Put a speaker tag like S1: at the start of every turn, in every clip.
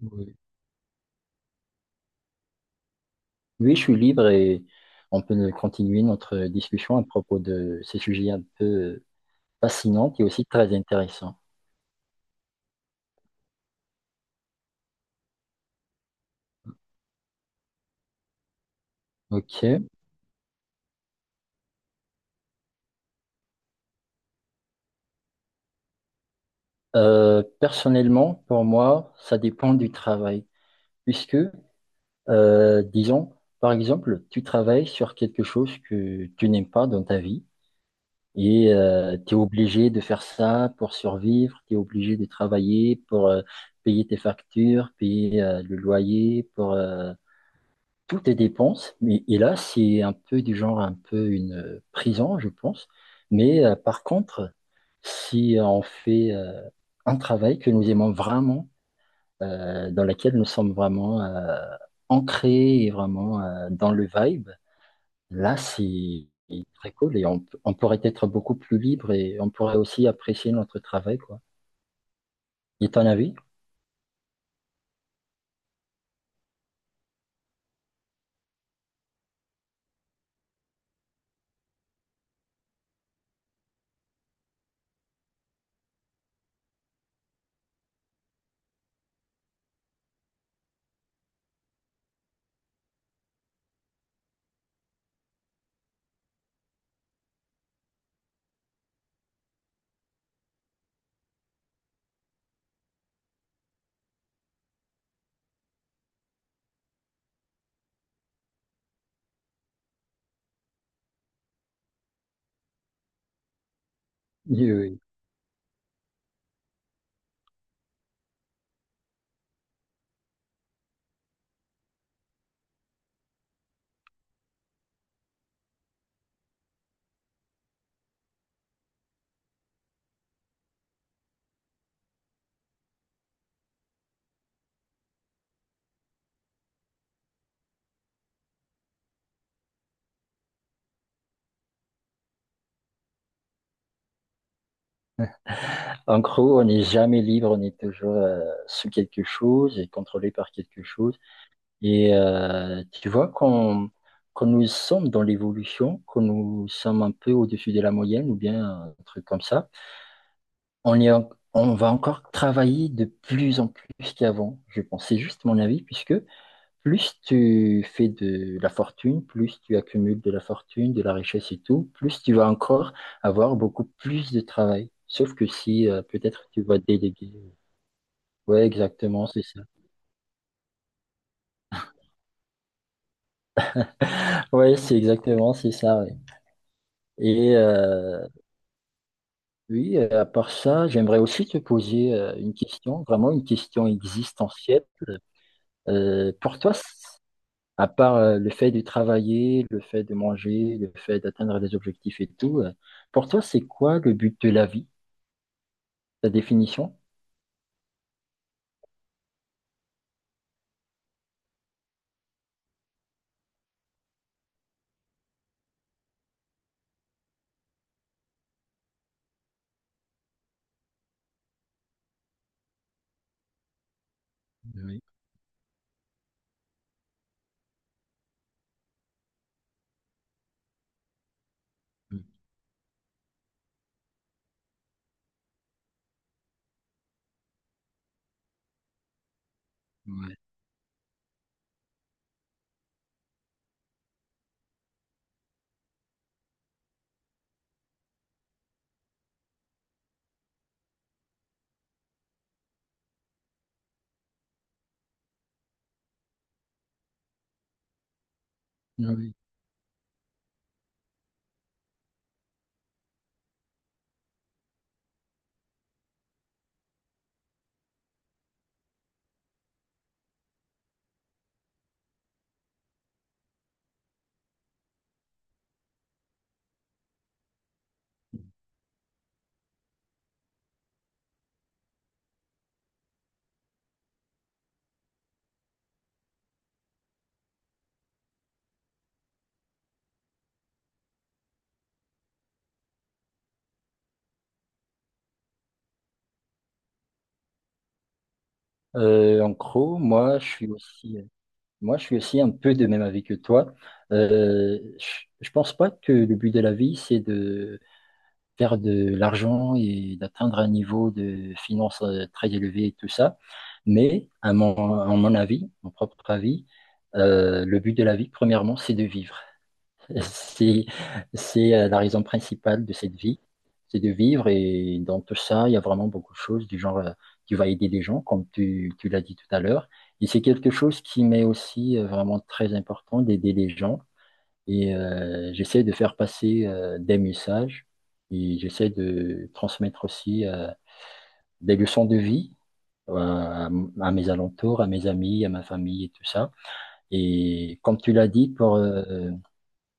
S1: Oui, Oui, je suis libre et on peut continuer notre discussion à propos de ces sujets un peu fascinants et aussi très intéressants. Ok. Personnellement, pour moi, ça dépend du travail, puisque, disons, par exemple, tu travailles sur quelque chose que tu n'aimes pas dans ta vie et tu es obligé de faire ça pour survivre, tu es obligé de travailler pour payer tes factures, payer le loyer, pour tout est dépense, mais et là, c'est un peu du genre un peu une prison, je pense. Mais par contre, si on fait un travail que nous aimons vraiment, dans lequel nous sommes vraiment ancrés et vraiment dans le vibe, là, c'est très cool et on, on pourrait être beaucoup plus libre et on pourrait aussi apprécier notre travail, quoi. Et ton avis? Oui, oui. En gros, on n'est jamais libre, on est toujours sous quelque chose et contrôlé par quelque chose. Et tu vois, quand nous sommes dans l'évolution, quand nous sommes un peu au-dessus de la moyenne ou bien un truc comme ça, on est en- on va encore travailler de plus en plus qu'avant, je pense. C'est juste mon avis, puisque plus tu fais de la fortune, plus tu accumules de la fortune, de la richesse et tout, plus tu vas encore avoir beaucoup plus de travail. Sauf que si peut-être tu vas déléguer. Ouais, exactement, c'est ça. Ouais, c'est exactement, c'est ça. Ouais. Et, oui, à part ça, j'aimerais aussi te poser une question, vraiment une question existentielle. Pour toi, à part le fait de travailler, le fait de manger, le fait d'atteindre des objectifs et tout, pour toi, c'est quoi le but de la vie, ta définition? Oui. Oui, ouais. Oui. En gros, moi, je suis aussi un peu de même avis que toi. Je pense pas que le but de la vie, c'est de faire de l'argent et d'atteindre un niveau de finances très élevé et tout ça. Mais à mon avis, mon propre avis, le but de la vie, premièrement, c'est de vivre. C'est, c'est la raison principale de cette vie, c'est de vivre. Et dans tout ça, il y a vraiment beaucoup de choses du genre, tu vas aider les gens, comme tu l'as dit tout à l'heure. Et c'est quelque chose qui m'est aussi vraiment très important d'aider les gens. Et j'essaie de faire passer des messages et j'essaie de transmettre aussi des leçons de vie euh, à, à mes alentours, à mes amis, à ma famille et tout ça. Et comme tu l'as dit, pour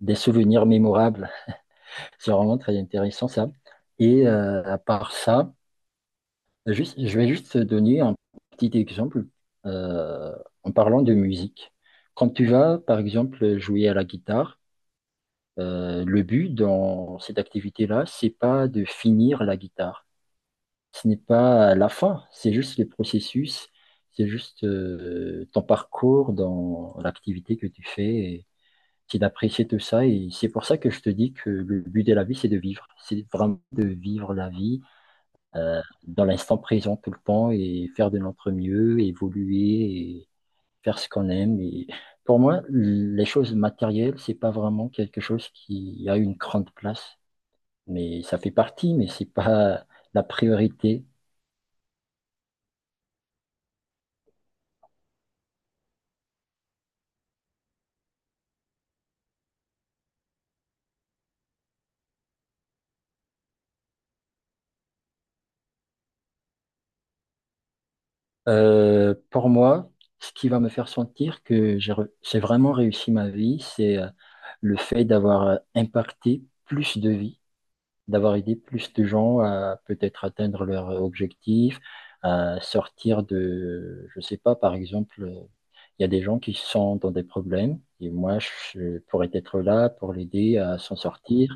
S1: des souvenirs mémorables. C'est vraiment très intéressant ça. Et à part ça, juste, je vais juste te donner un petit exemple euh, en parlant de musique. Quand tu vas, par exemple, jouer à la guitare, le but dans cette activité-là, c'est pas de finir la guitare. Ce n'est pas la fin, c'est juste le processus, c'est juste ton parcours dans l'activité que tu fais qu'il appréciait tout ça. Et c'est pour ça que je te dis que le but de la vie, c'est de vivre. C'est vraiment de vivre la vie euh, dans l'instant présent tout le temps et faire de notre mieux, évoluer et faire ce qu'on aime. Et pour moi, les choses matérielles, c'est pas vraiment quelque chose qui a une grande place. Mais ça fait partie, mais c'est pas la priorité. Pour moi, ce qui va me faire sentir que j'ai vraiment réussi ma vie, c'est le fait d'avoir impacté plus de vies, d'avoir aidé plus de gens à peut-être atteindre leur objectif, à sortir de, je sais pas, par exemple, il y a des gens qui sont dans des problèmes et moi, je pourrais être là pour l'aider à s'en sortir.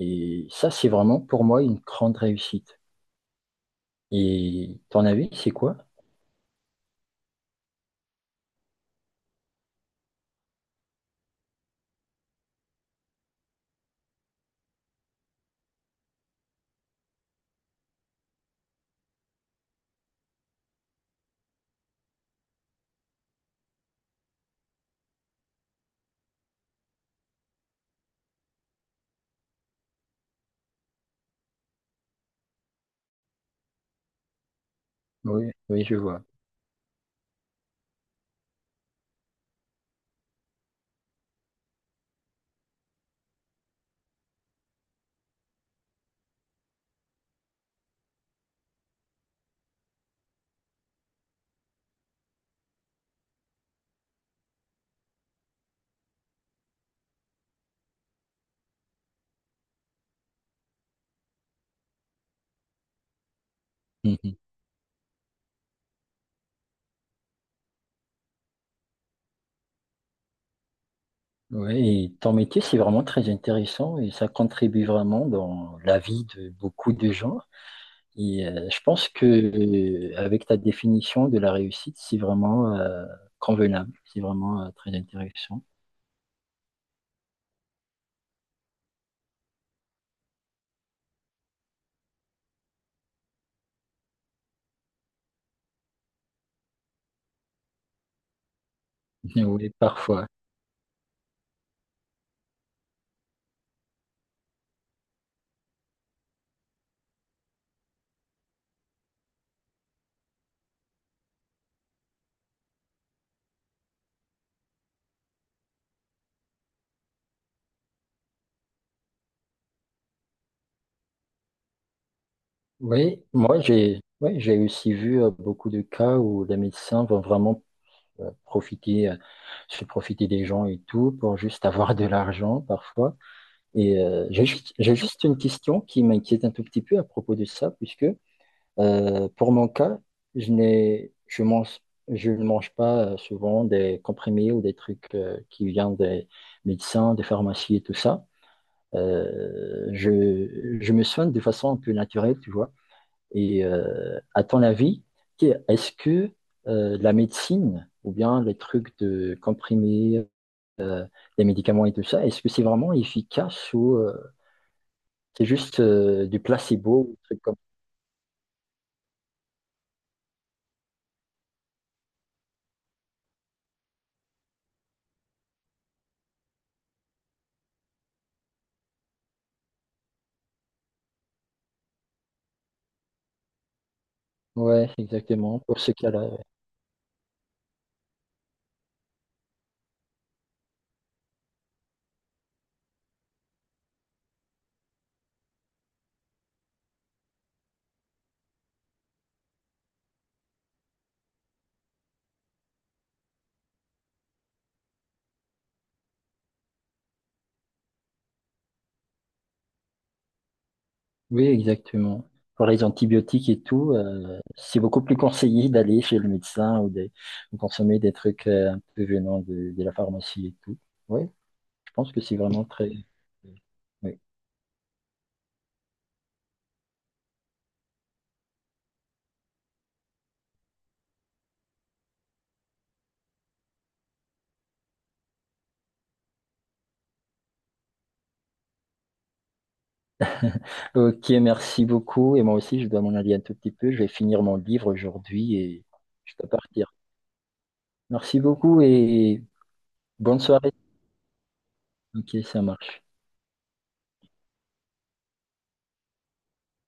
S1: Et ça, c'est vraiment pour moi une grande réussite. Et ton avis, c'est quoi? Oui, oui, je vois. Oui, et ton métier, c'est vraiment très intéressant et ça contribue vraiment dans la vie de beaucoup de gens. Et je pense que avec ta définition de la réussite, c'est vraiment convenable, c'est vraiment très intéressant. Oui, parfois. Oui, moi, j'ai aussi vu beaucoup de cas où les médecins vont vraiment euh, profiter, euh, se profiter des gens et tout pour juste avoir de l'argent parfois. Et euh, j'ai juste une question qui m'inquiète un tout petit peu à propos de ça, puisque pour mon cas, je n'ai, je mange, je ne mange pas souvent des comprimés ou des trucs qui viennent des médecins, des pharmacies et tout ça. Je me soigne de façon un peu naturelle, tu vois. Et à ton avis, est-ce que la médecine ou bien les trucs de comprimés, euh, des médicaments et tout ça, est-ce que c'est vraiment efficace ou c'est juste du placebo ou des trucs comme ça. Ouais, exactement, pour ce cas-là. Oui, exactement. Pour les antibiotiques et tout, c'est beaucoup plus conseillé d'aller chez le médecin ou de consommer des trucs un peu venant de la pharmacie et tout. Oui, je pense que c'est vraiment très... oui. Ok, merci beaucoup. Et moi aussi, je dois m'en aller un tout petit peu. Je vais finir mon livre aujourd'hui et je dois partir. Merci beaucoup et bonne soirée. Ok, ça marche.